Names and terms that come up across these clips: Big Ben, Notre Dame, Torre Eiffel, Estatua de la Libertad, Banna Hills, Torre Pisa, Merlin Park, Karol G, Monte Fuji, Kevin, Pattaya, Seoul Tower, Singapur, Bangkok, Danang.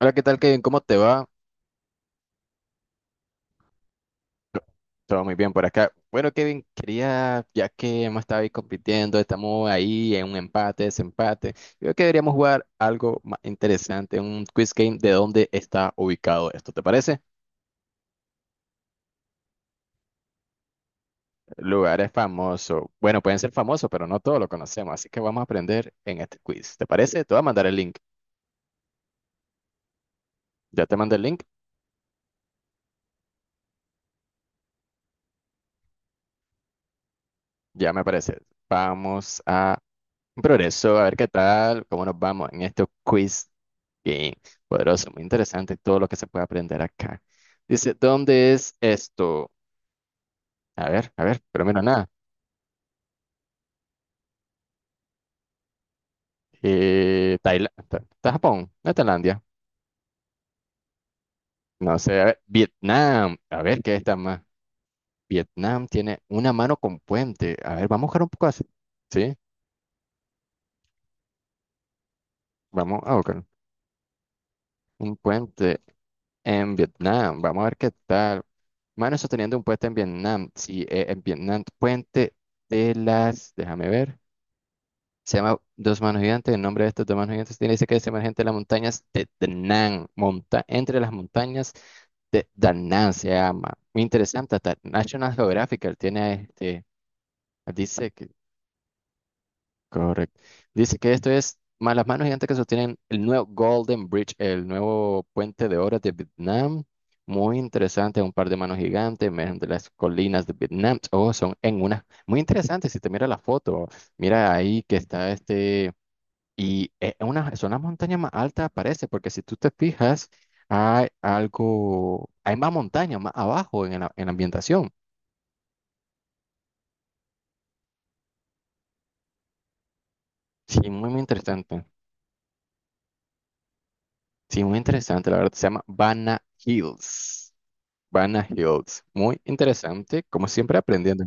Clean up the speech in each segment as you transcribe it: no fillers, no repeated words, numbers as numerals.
Hola, ¿qué tal, Kevin? ¿Cómo te va? Todo muy bien por acá. Bueno, Kevin, quería, ya que hemos estado ahí compitiendo, estamos ahí en un empate, desempate, yo creo que deberíamos jugar algo más interesante, un quiz game de dónde está ubicado esto, ¿te parece? Lugares famosos. Bueno, pueden ser famosos, pero no todos lo conocemos, así que vamos a aprender en este quiz, ¿te parece? Te voy a mandar el link. Ya te mandé el link, ya me parece. Vamos a un progreso, a ver qué tal, cómo nos vamos en este quiz. Bien, poderoso, muy interesante todo lo que se puede aprender acá. Dice, ¿dónde es esto? A ver, pero mira, nada. Japón, no Tailandia. No sé, a ver, Vietnam. A ver, ¿qué está más? Vietnam tiene una mano con puente. A ver, vamos a buscar un poco así. Sí, vamos a buscar un puente en Vietnam. Vamos a ver qué tal. Mano sosteniendo un puente en Vietnam. Sí, en Vietnam, puente de las, déjame ver. Se llama Dos Manos Gigantes. El nombre de estos dos manos gigantes tiene dice que es emergente de las montañas de Danang. Monta entre las montañas de Danang se llama. Muy interesante. Hasta National Geographic tiene este. Dice que. Correcto. Dice que esto es más las manos gigantes que sostienen el nuevo Golden Bridge, el nuevo puente de oro de Vietnam. Muy interesante, un par de manos gigantes emergen de las colinas de Vietnam. Oh, son en una. Muy interesante, si te mira la foto, mira ahí que está este y es una, son las montañas más altas, parece, porque si tú te fijas, hay algo, hay más montaña más abajo en en la ambientación. Sí, muy, muy interesante. Sí, muy interesante, la verdad. Se llama Banna Hills. Banna Hills. Muy interesante, como siempre aprendiendo.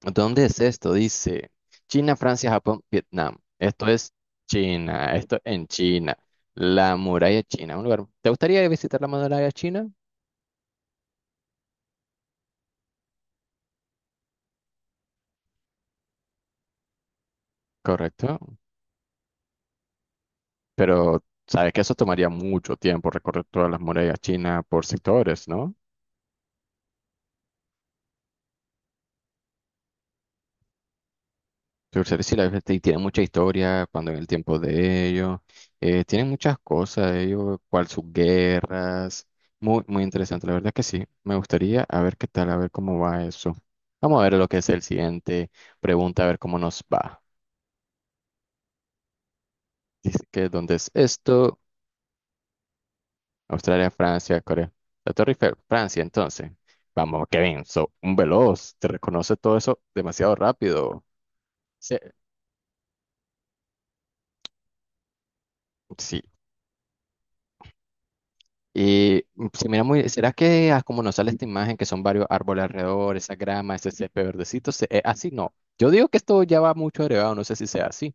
¿Dónde es esto? Dice China, Francia, Japón, Vietnam. Esto es China, esto en China. La muralla china, un lugar. ¿Te gustaría visitar la muralla china? Correcto. Pero sabes que eso tomaría mucho tiempo recorrer todas las murallas chinas por sectores, ¿no? Pero sí, sí, la verdad, sí, tiene mucha historia cuando en el tiempo de ellos. Tienen muchas cosas ellos, cual sus guerras. Muy, muy interesante, la verdad que sí. Me gustaría a ver qué tal, a ver cómo va eso. Vamos a ver lo que es el siguiente pregunta, a ver cómo nos va. Dice que, ¿dónde es esto? Australia, Francia, Corea. La Torre Eiffel, Francia, entonces. Vamos, Kevin, so un veloz, te reconoce todo eso demasiado rápido. Sí. Sí. Y se mira muy, ¿será que como nos sale esta imagen que son varios árboles alrededor, esa grama, ese césped verdecito, así no? Yo digo que esto ya va mucho agregado, no sé si sea así.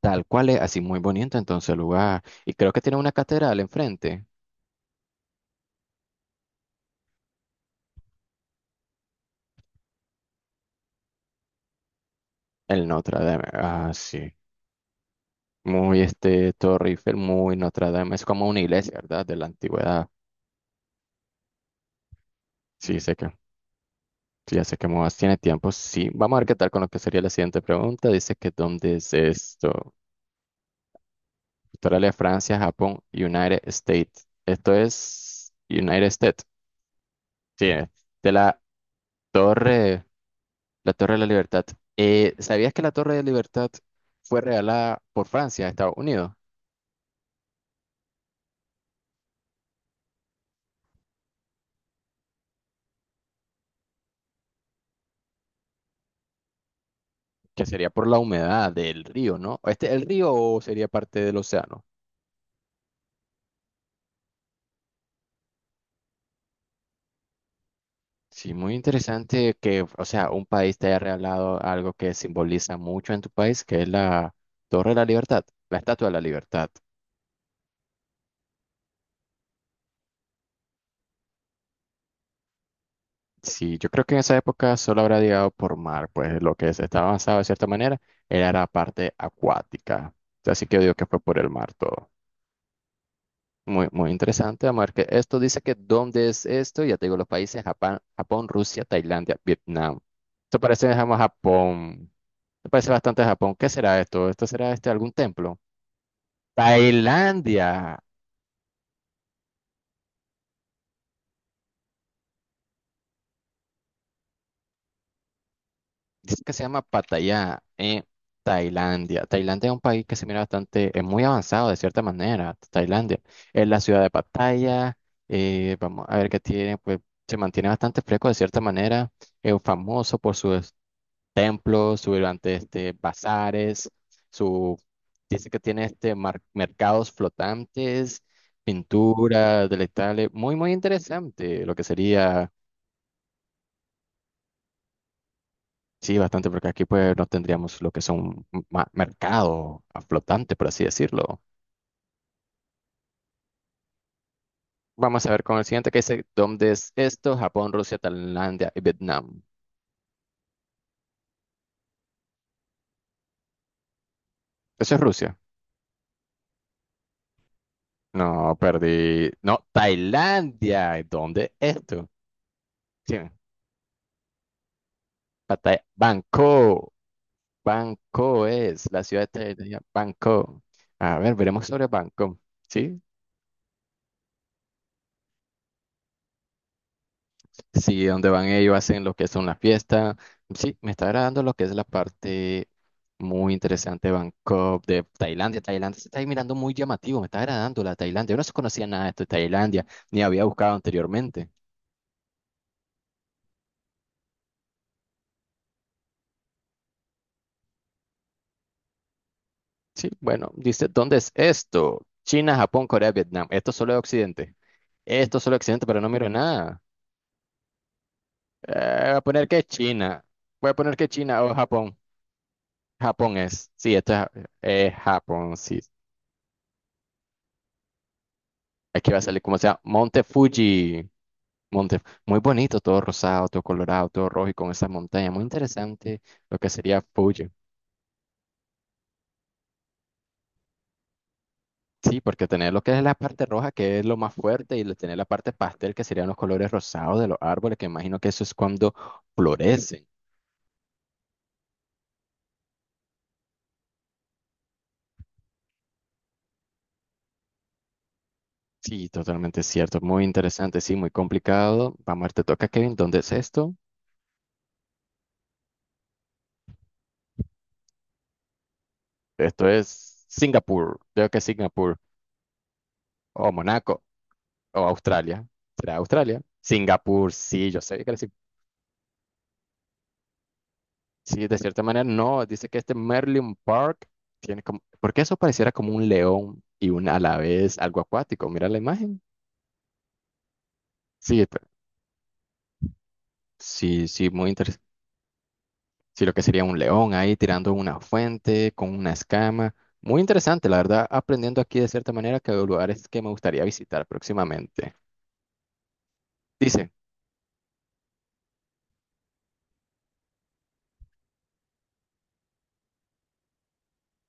Tal cual es, así muy bonito entonces el lugar. Y creo que tiene una catedral enfrente, el Notre Dame. Ah, sí. Muy este Torre Eiffel, muy Notre Dame. Es como una iglesia, ¿verdad? De la antigüedad. Sí, sé que, sí, ya sé que Moas tiene tiempo. Sí, vamos a ver qué tal con lo que sería la siguiente pregunta. Dice que ¿dónde es esto? Australia, Francia, Japón, United States. Esto es United States. Sí, de Torre, la Torre de la Libertad. ¿sabías que la Torre de la Libertad fue regalada por Francia a Estados Unidos? ¿Que sería por la humedad del río, ¿no? ¿Este el río o sería parte del océano? Sí, muy interesante que, o sea, un país te haya regalado algo que simboliza mucho en tu país, que es la Torre de la Libertad, la Estatua de la Libertad. Sí, yo creo que en esa época solo habrá llegado por mar, pues lo que se estaba avanzado de cierta manera era la parte acuática. Así que yo digo que fue por el mar todo. Muy, muy interesante, amor. Que esto dice que dónde es esto, ya te digo los países, Japón, Japón, Rusia, Tailandia, Vietnam. Esto parece, dejamos Japón, esto parece bastante Japón. ¿Qué será esto? ¿Esto será este algún templo? Tailandia. Dice que se llama Pattaya, Tailandia. Tailandia es un país que se mira bastante, es muy avanzado de cierta manera. Tailandia es la ciudad de Pattaya. Vamos a ver qué tiene, pues se mantiene bastante fresco de cierta manera. Es famoso por sus templos, sus grandes este, bazares, su, dice que tiene este mercados flotantes, pinturas, delectables. Muy, muy interesante lo que sería. Sí, bastante, porque aquí pues no tendríamos lo que son mercado a flotante, por así decirlo. Vamos a ver con el siguiente que dice, ¿dónde es esto? Japón, Rusia, Tailandia y Vietnam. Eso es Rusia. No, perdí. No, Tailandia. ¿Y Dónde es esto? Sí, Bangkok. Bangkok es la ciudad de Tailandia. Bangkok. A ver, veremos sobre Bangkok. Sí, sí, donde van ellos hacen lo que son las fiestas. Sí, me está agradando lo que es la parte muy interesante de Bangkok, de Tailandia. Tailandia se está ahí mirando muy llamativo, me está agradando la Tailandia. Yo no se conocía nada de esto de Tailandia, ni había buscado anteriormente. Sí, bueno, dice, ¿dónde es esto? China, Japón, Corea, Vietnam. Esto solo es Occidente. Esto solo es Occidente, pero no miro nada. Voy a poner que es China. Voy a poner que China o Japón. Japón es. Sí, esto es Japón, sí. Aquí va a salir como sea Monte Fuji. Monte, muy bonito, todo rosado, todo colorado, todo rojo y con esas montañas. Muy interesante lo que sería Fuji. Sí, porque tener lo que es la parte roja, que es lo más fuerte, y tener la parte pastel, que serían los colores rosados de los árboles, que imagino que eso es cuando florecen. Sí, totalmente cierto. Muy interesante, sí, muy complicado. Vamos a ver, te toca, Kevin. ¿Dónde es esto? Esto es Singapur. Creo que es Singapur. O Monaco. O Australia. ¿Será Australia? Singapur, sí, yo sé que era. Sí, de cierta manera, no. Dice que este Merlin Park tiene como, porque eso pareciera como un león y un a la vez algo acuático. Mira la imagen. Sí, sí, sí, muy interesante. Sí, lo que sería un león ahí tirando una fuente con una escama. Muy interesante, la verdad, aprendiendo aquí de cierta manera que de lugares que me gustaría visitar próximamente. Dice.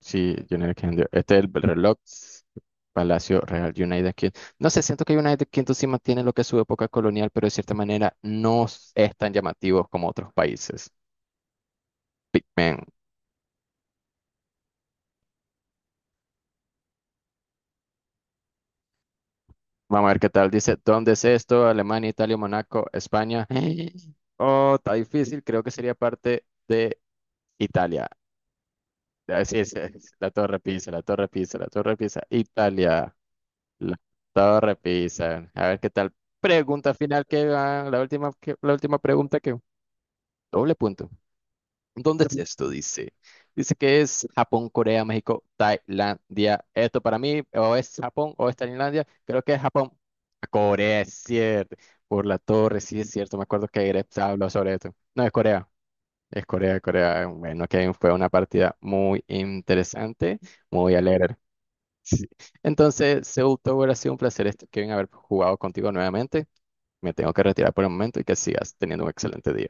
Sí, United Kingdom. Este es el reloj Palacio Real United Kingdom. No sé, siento que United Kingdom sí mantiene lo que es su época colonial, pero de cierta manera no s- es tan llamativo como otros países. Big Ben. Vamos a ver qué tal. Dice, ¿dónde es esto? Alemania, Italia, Monaco, España. Oh, está difícil. Creo que sería parte de Italia. Ah, sí, sí, sí. La Torre Pisa, la Torre Pisa, la Torre Pisa, Italia. La todo repisa. A ver qué tal. Pregunta final que va, la última, la última pregunta que doble punto. ¿Dónde es esto? Dice. Dice que es Japón, Corea, México, Tailandia. Esto para mí o es Japón o es Tailandia. Creo que es Japón. Corea, es cierto. Por la torre, sí es cierto. Me acuerdo que Greg habló sobre esto. No, es Corea. Es Corea, Corea. Bueno, que fue una partida muy interesante, muy alegre. Sí. Entonces, Seoul Tower ha sido un placer, Kevin, haber jugado contigo nuevamente. Me tengo que retirar por el momento y que sigas teniendo un excelente día.